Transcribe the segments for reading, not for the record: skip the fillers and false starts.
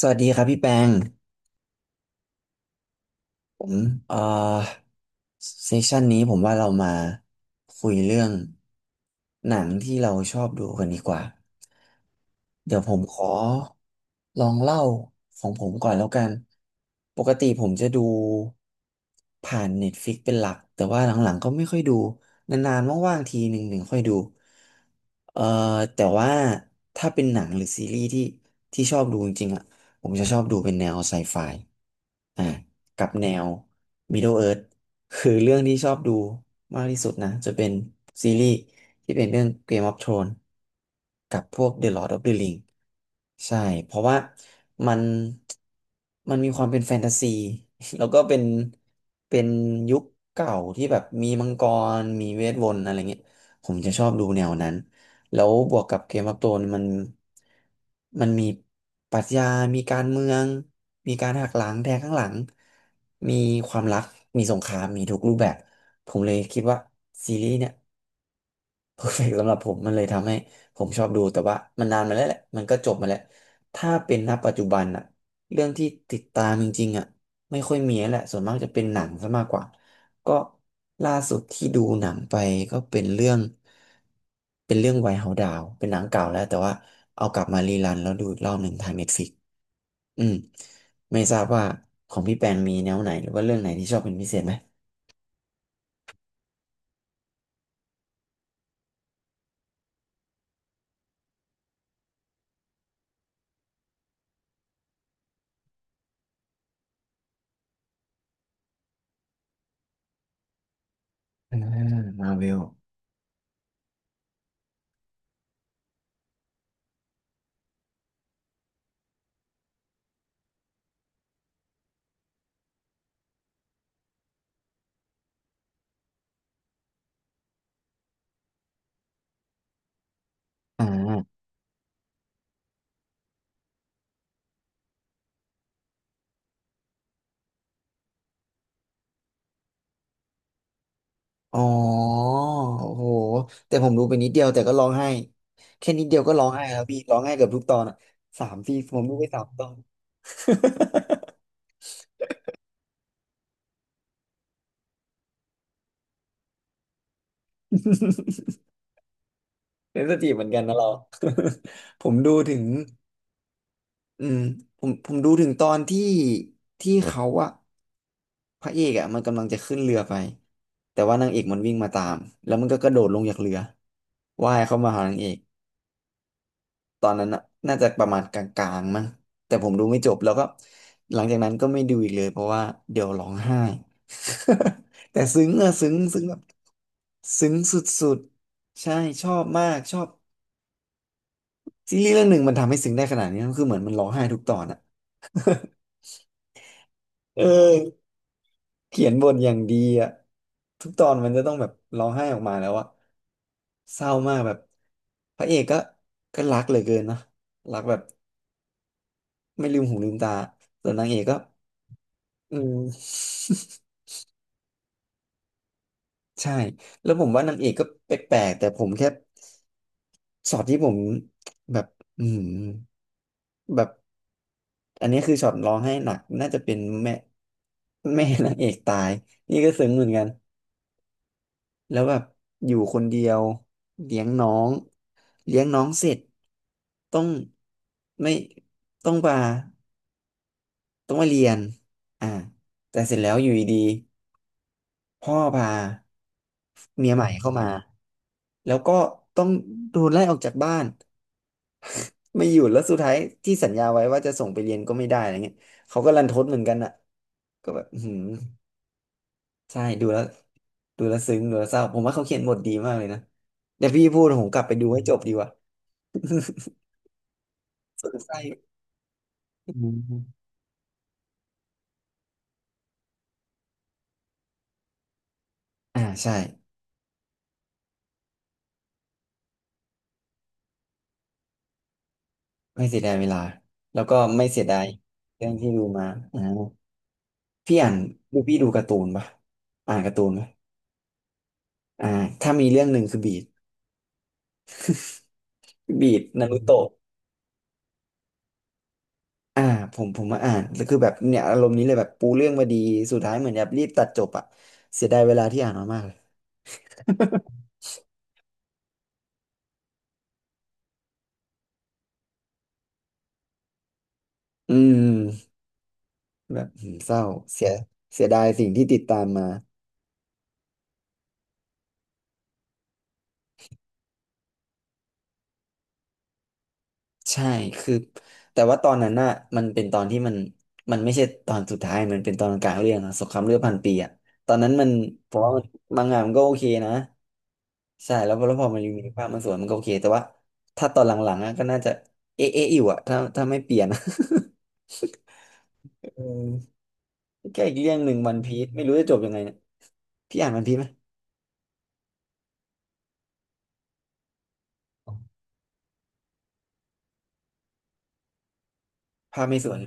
สวัสดีครับพี่แปง ผมเอ่อเซสชันนี้ผมว่าเรามาคุยเรื่องหนังที่เราชอบดูกันดีกว่า เดี๋ยวผมขอลองเล่าของผมก่อนแล้วกันปกติผมจะดูผ่าน Netflix เป็นหลัก แต่ว่าหลังๆก็ไม่ค่อยดูนานๆว่างๆทีหนึ่งค่อยดูเอ่อแต่ว่าถ้าเป็นหนังหรือซีรีส์ที่ชอบดูจริงๆอ่ะผมจะชอบดูเป็นแนวไซไฟอ่า กับแนว Middle Earth คือเรื่องที่ชอบดูมากที่สุดนะจะเป็นซีรีส์ที่เป็นเรื่อง Game of Thrones กับพวก The Lord of the Ring ใช่เพราะว่ามันมันมีความเป็นแฟนตาซี แล้วก็เป็นเป็นยุคเก่าที่แบบมีมังกรมีเวทมนต์อะไรเงี้ยผมจะชอบดูแนวนั้น แล้วบวกกับเกมออฟโธนมันมีปรัชญามีการเมืองมีการหักหลังแทงข้างหลังมีความรักมีสงครามมีทุกรูปแบบผมเลยคิดว่าซีรีส์เนี่ย เพอร์เฟกต์สำหรับผมมันเลยทำให้ผมชอบดูแต่ว่ามันนานมาแล้วแหละมันก็จบมาแล้วถ้าเป็นณปัจจุบันอะเรื่องที่ติดตามจริงๆอะไม่ค่อยมีแล้วแหละส่วนมากจะเป็นหนังซะมากกว่าก็ล่าสุดที่ดูหนังไปก็เป็นเรื่องเป็นเรื่องไวท์เฮาส์ดาวเป็นหนังเก่าแล้วแต่ว่าเอากลับมารีรันแล้วดูอีกรอบหนึ่งทางเน็ตฟลิกอืมไม่ทราบว่าของพี่แปนมีแนวไหนหรือว่าเรื่องไหนที่ชอบเป็นพิเศษไหมอ่ามาเวลอ่า อ๋อโอ้โหแต่ผมดูไปนิดเดียวแต่ก็ร้องไห้แค่นิดเดียวก็ร้องไห้แล้วพี่ร้องไห้เกือบทุกตอนอ่ะสามสี่ผมดูไปสามตอน เซนสทีฟเหมือนกันนะเรา ผมดูถึงอืมผมดูถึงตอนที่เขาอะพระเอกอะมันกำลังจะขึ้นเรือไปแต่ว่านางเอกมันวิ่งมาตามแล้วมันก็กระโดดลงจากเรือว่ายเข้ามาหานางเอก ตอนนั้นน่ะน่าจะประมาณกลางๆมั้งแต่ผมดูไม่จบแล้วก็หลังจากนั้นก็ไม่ดูอีกเลย เพราะว่าเดี๋ยวร้องไห้ แต่ซึ้งอะซึ้งแบบซึ้งสุดๆใช่ชอบมากชอบซีรีส์เรื่องหนึ่งมันทำให้ซึ้งได้ขนาดนี้คือเหมือนมันร้องไห้ทุกตอนอะเออเขียนบทอย่างดีอะทุกตอนมันจะต้องแบบร้องไห้ออกมาแล้วอะเศร้ามากแบบพระเอกก็รักเหลือเกินนะรักแบบไม่ลืมหูลืมตาส่วนนางเอกก็ อืม ใช่แล้วผมว่านางเอกก็แปลกๆแต่ผมแค่ช็อตที่ผมแบบอืมแบบอันนี้คือช็อตร้องไห้หนักน่าจะเป็นแม่แม่นางเอกตายนี่ก็ซึ้งเหมือนกันแล้วแบบอยู่คนเดียวเลี้ยงน้องเลี้ยงน้องเสร็จต้องไม่ต้องมาต้องมาเรียนอ่าแต่เสร็จแล้วอยู่ดีๆพ่อพาเมียอใหม่เข้ามา แล้วก็ต้องโดนไล่ออกจากบ้านไม่อยู่แล้วสุดท้ายที่สัญญาไว้ว่าจะส่งไปเรียนก็ไม่ได้อะไรเงี้ยเขาก็รันทดเหมือนกันอ่ะก็แบบอื้อหืมใช่ดูแล้วดูแล้วซึ้งดูแล้วเศร้าผมว่าเขาเขียนบทดีมากเลยนะเดี๋ยวพี่พูดผมกลับไปดูให้จบดีกว่า สนใจอืมอ่าใช่ไม่เสียดายเวลาแล้วก็ไม่เสียดายเรื่องที่ดูมาอ่าพี่อ่านดูพี่ดูการ์ตูนปะอ่านการ์ตูนไหมอ่าถ้ามีเรื่องหนึ่งคือบีดนารูโตะ อ่าผมมาอ่านแล้วคือแบบเนี่ยอารมณ์นี้เลยแบบปูเรื่องมาดีสุดท้ายเหมือนแบบรีบตัดจบอะเสียดายเวลาที่อ่านมามากเลยอืมแบบอืมเศร้าเสียเสียดายสิ่งที่ติดตามมาใช่คือแต่ว่าตอนนั้นน่ะมันเป็นตอนที่มันไม่ใช่ตอนสุดท้ายมันเป็นตอนกลางเรื่องอะสงครามเลือดพันปีอะตอนนั้นมันผมว่ามันมังงะมันก็โอเคนะใช่แล้วพอแล้วพอมันมีภาพมันสวยมันก็โอเคแต่ว่าถ้าตอนหลังๆอะก็น่าจะเอ๊ะอยู่อะถ้าไม่เปลี่ยนอะ เออ แก้อีกเรื่องหนึ่งวันพีซไม่รู้จะจบยังไงเนี่ยพี่อ่านวันพีซไหมภาพไม่สวย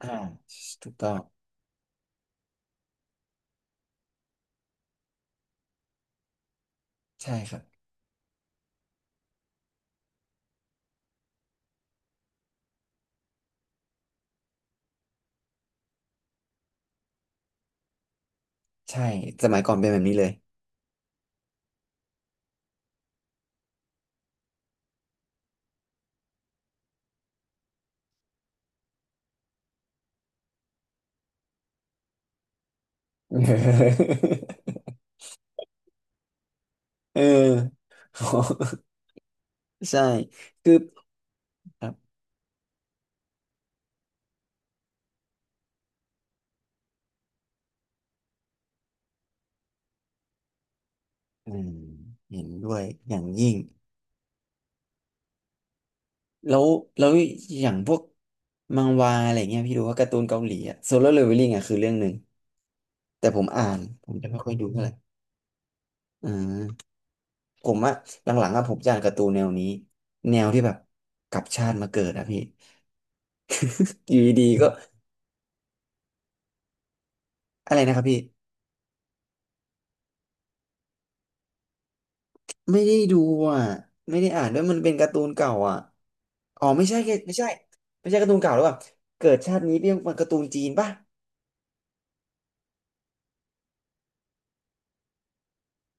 อ่าถูกต้องใช่ครับใช่สมัยก่อนเป็นแบบนี้เลย เออ ใช่คือครับอืมเห็นด้วยอย่างยิ่งแล้วแล้วอย่างพวกมังวาอะไรเงี้ยพี่ดูว่าการ์ตูนเกาหลีอะโซโล่เลเวลลิ่งอะคือเรื่องหนึ่งแต่ผมอ่านผมจะไม่ค่อยดูเท่าไหร่อ่า ผมว่าหลังๆอะผมจะอ่านการ์ตูนแนวนี้แนวที่แบบกลับชาติมาเกิดอะพี่อยู่ดีๆก็อะไรนะครับพี่ไม่ได้ดูอะไม่ได้อ่านด้วยมันเป็นการ์ตูนเก่าอะอ๋อไม่ใช่แค่ไม่ใช่ไม่ใช่การ์ตูนเก่าหรือเปล่าเกิดชาตินี้เป็นการ์ตูนจีนป่ะ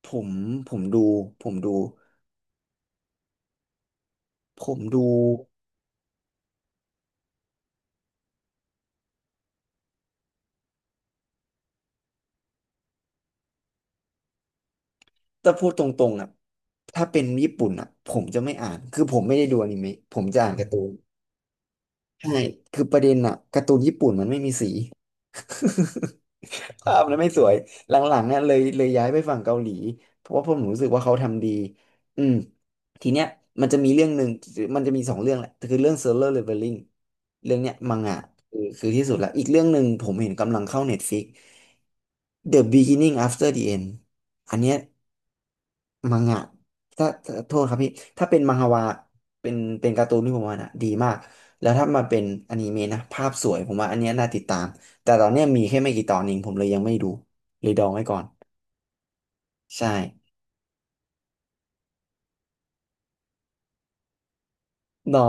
ผมผมดูผมดูผมดูแตพูดตรงๆอะถ้าเป็นญี่ปุ่นอะผมจะไม่อ่านคือผมไม่ได้ดูอนิเมะผมจะอ่านการ์ตูนใช่คือประเด็นอะการ์ตูนญี่ปุ่นมันไม่มีสี ภาพนั้นไม่สวยหลังๆเนี่ยเลยย้ายไปฝั่งเกาหลีเพราะว่าผมรู้สึกว่าเขาทำดีอืมทีเนี้ยมันจะมีเรื่องหนึ่งมันจะมีสองเรื่องแหละคือเรื่อง Solo Leveling เรื่องเนี้ยมังงะคือที่สุดละอีกเรื่องหนึ่งผมเห็นกำลังเข้า Netflix The Beginning After the End อันเนี้ย มังงะถ้าโทษครับพี่ ถ้าเป็นมังฮวาเป็นเป็นการ์ตูนที่ผมว่านะดีมาก แล้วถ้ามาเป็นอนิเมะนะภาพสวย ผมว่าอันเนี้ยน่าติดตาม แต่ตอนเนี้ยมีแค่ไม่กี่ตอนเองผมเลยยังไม่ดูเลยดองไว้ก่อน ใช่เนาะ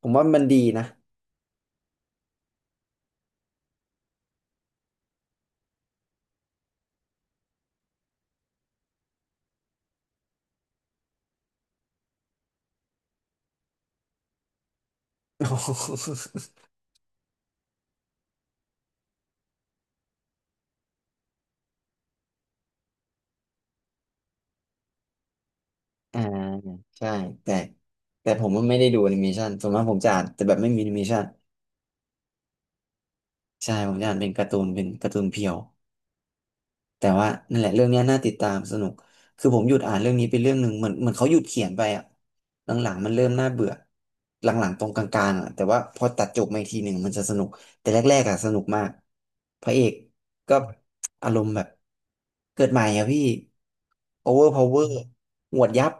ผมว่ามันดีนะ อ่าใช่ แต่ แต่ผมว่าไม่ได้ดูแอนิเมชันส่วนมากผมจะอ่านแต่แบบไม่มีแอนิเมชันใช่ ผมจะอ่านเป็นการ์ตูนเพียว แต่ว่านั่นแหละเรื่องเนี้ยน่าติดตามสนุกคือผมหยุดอ่านเรื่องนี้ไปเรื่องหนึ่งเหมือนเขาหยุดเขียนไปอ่ะหลังๆมันเริ่มน่าเบื่อหลังๆตรงกลางๆอ่ะแต่ว่าพอตัดจบมาอีกทีหนึ่งมันจะสนุกแต่แรกๆอ่ะสนุกมากพระเอกก็อารมณ์แบบเกิดใหม่อ่ะพี่โอเวอร์พาวเวอร์หวดยับ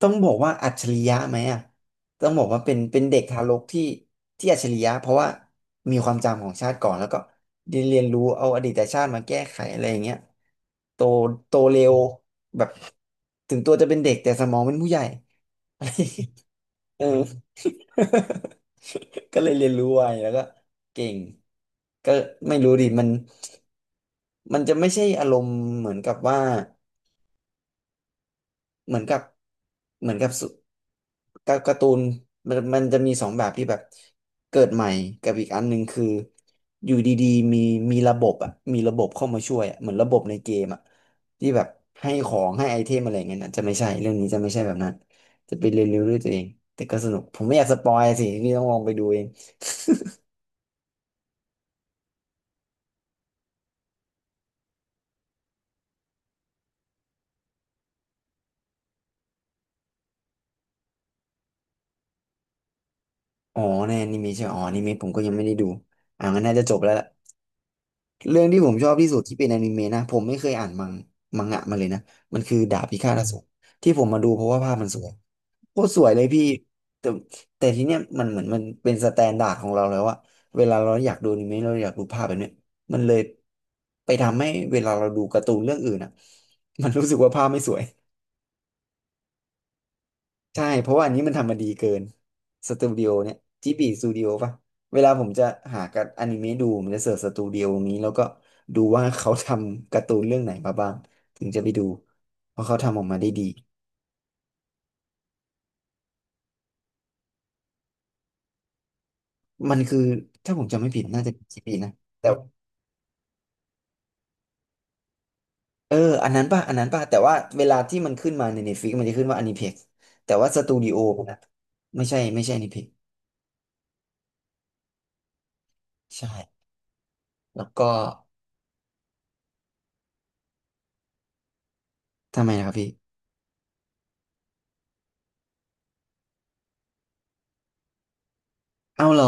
ต้องบอกว่าอัจฉริยะไหมอ่ะต้องบอกว่าเป็นเด็กทารกที่อัจฉริยะเพราะว่ามีความจำของชาติก่อนแล้วก็เรียนรู้เอาอดีตชาติมาแก้ไขอะไรอย่างเงี้ยโตเร็วแบบถึงตัวจะเป็นเด็กแต่สมองเป็นผู้ใหญ่ เออ ก็เลยเรียนรู้ไวแล้วก็เก่งก็ไม่รู้ดิมันจะไม่ใช่อารมณ์เหมือนกับว่า เหมือนกับเหมือนกับสุการการ์ตูนมันจะมีสองแบบที่แบบเกิดใหม่กับอีกอันหนึ่งคืออยู่ดีๆมีระบบอ่ะมีระบบเข้ามาช่วยอะเหมือนระบบในเกมอ่ะที่แบบให้ของให้ไอเทมอะไรอย่างเงี้ยนะจะไม่ใช่เรื่องนี้จะไม่ใช่แบบนั้นจะไปเรียนรู้ด้วยตัวเองแต่ก็สนุกผมไม่อยากสปอยสิพี่ต้องลองไปดูเองอ๋อในอนิเมะใช่ไหมอ๋ออนิเมะผมก็ยังไม่ได้ดูอ่างั้นน่าจะจบแล้วล่ะ เรื่องที่ผมชอบที่สุดที่เป็นอนิเมะนะผมไม่เคยอ่านมังงะมาเลยนะมันคือดาบพิฆาตอสูรที่ผมมาดูเพราะว่าภาพมันสวยโคตรสวยเลยพี่แต่ทีเนี้ยมันเหมือนมันเป็นสแตนดาร์ดของเราแล้วอะเวลาเราอยากดูอนิเมะเราอยากดูภาพแบบเนี้ยมันเลยไปทำให้เวลาเราดูการ์ตูนเรื่องอื่นอะมันรู้สึกว่าภาพไม่สวย ใช่เพราะว่าอันนี้มันทำมาดีเกินสตูดิโอเนี่ยจิบีสตูดิโอป่ะเวลาผมจะหากับอนิเมะดูผมจะเสิร์ชสตูดิโอนี้แล้วก็ดูว่าเขาทำการ์ตูนเรื่องไหนมาบ้างถึงจะไปดูเพราะเขาทำออกมาได้ดีมันคือถ้าผมจำไม่ผิดน่าจะเป็นจิบีนะแต่ว่าเอออันนั้นป่ะแต่ว่าเวลาที่มันขึ้นมาใน Netflix มันจะขึ้นว่าอนิเพ็กแต่ว่าสตูดิโอนะไม่ใช่อนิเพ็กใช่แล้วก็ทำไมนะครับพี่ เอาเหรอ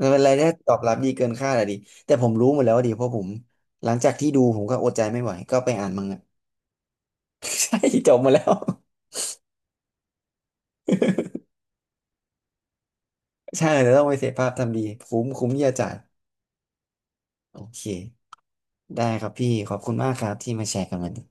มันเป็นอะไรายได้ตอบรับดีเกินคาดอะดิแต่ผมรู้หมดแล้วอะดิเพราะผมหลังจากที่ดูผมก็อดใจไม่ไหวก็ไปอ่านมังงะ ใช่จบมาแล้วใช่เดี๋ยวต้องไปเสพภาพทำดีคุ้มคุ้มที่จะจ่ายโอเคได้ครับพี่ขอบคุณมากครับที่มาแชร์กันวันนี้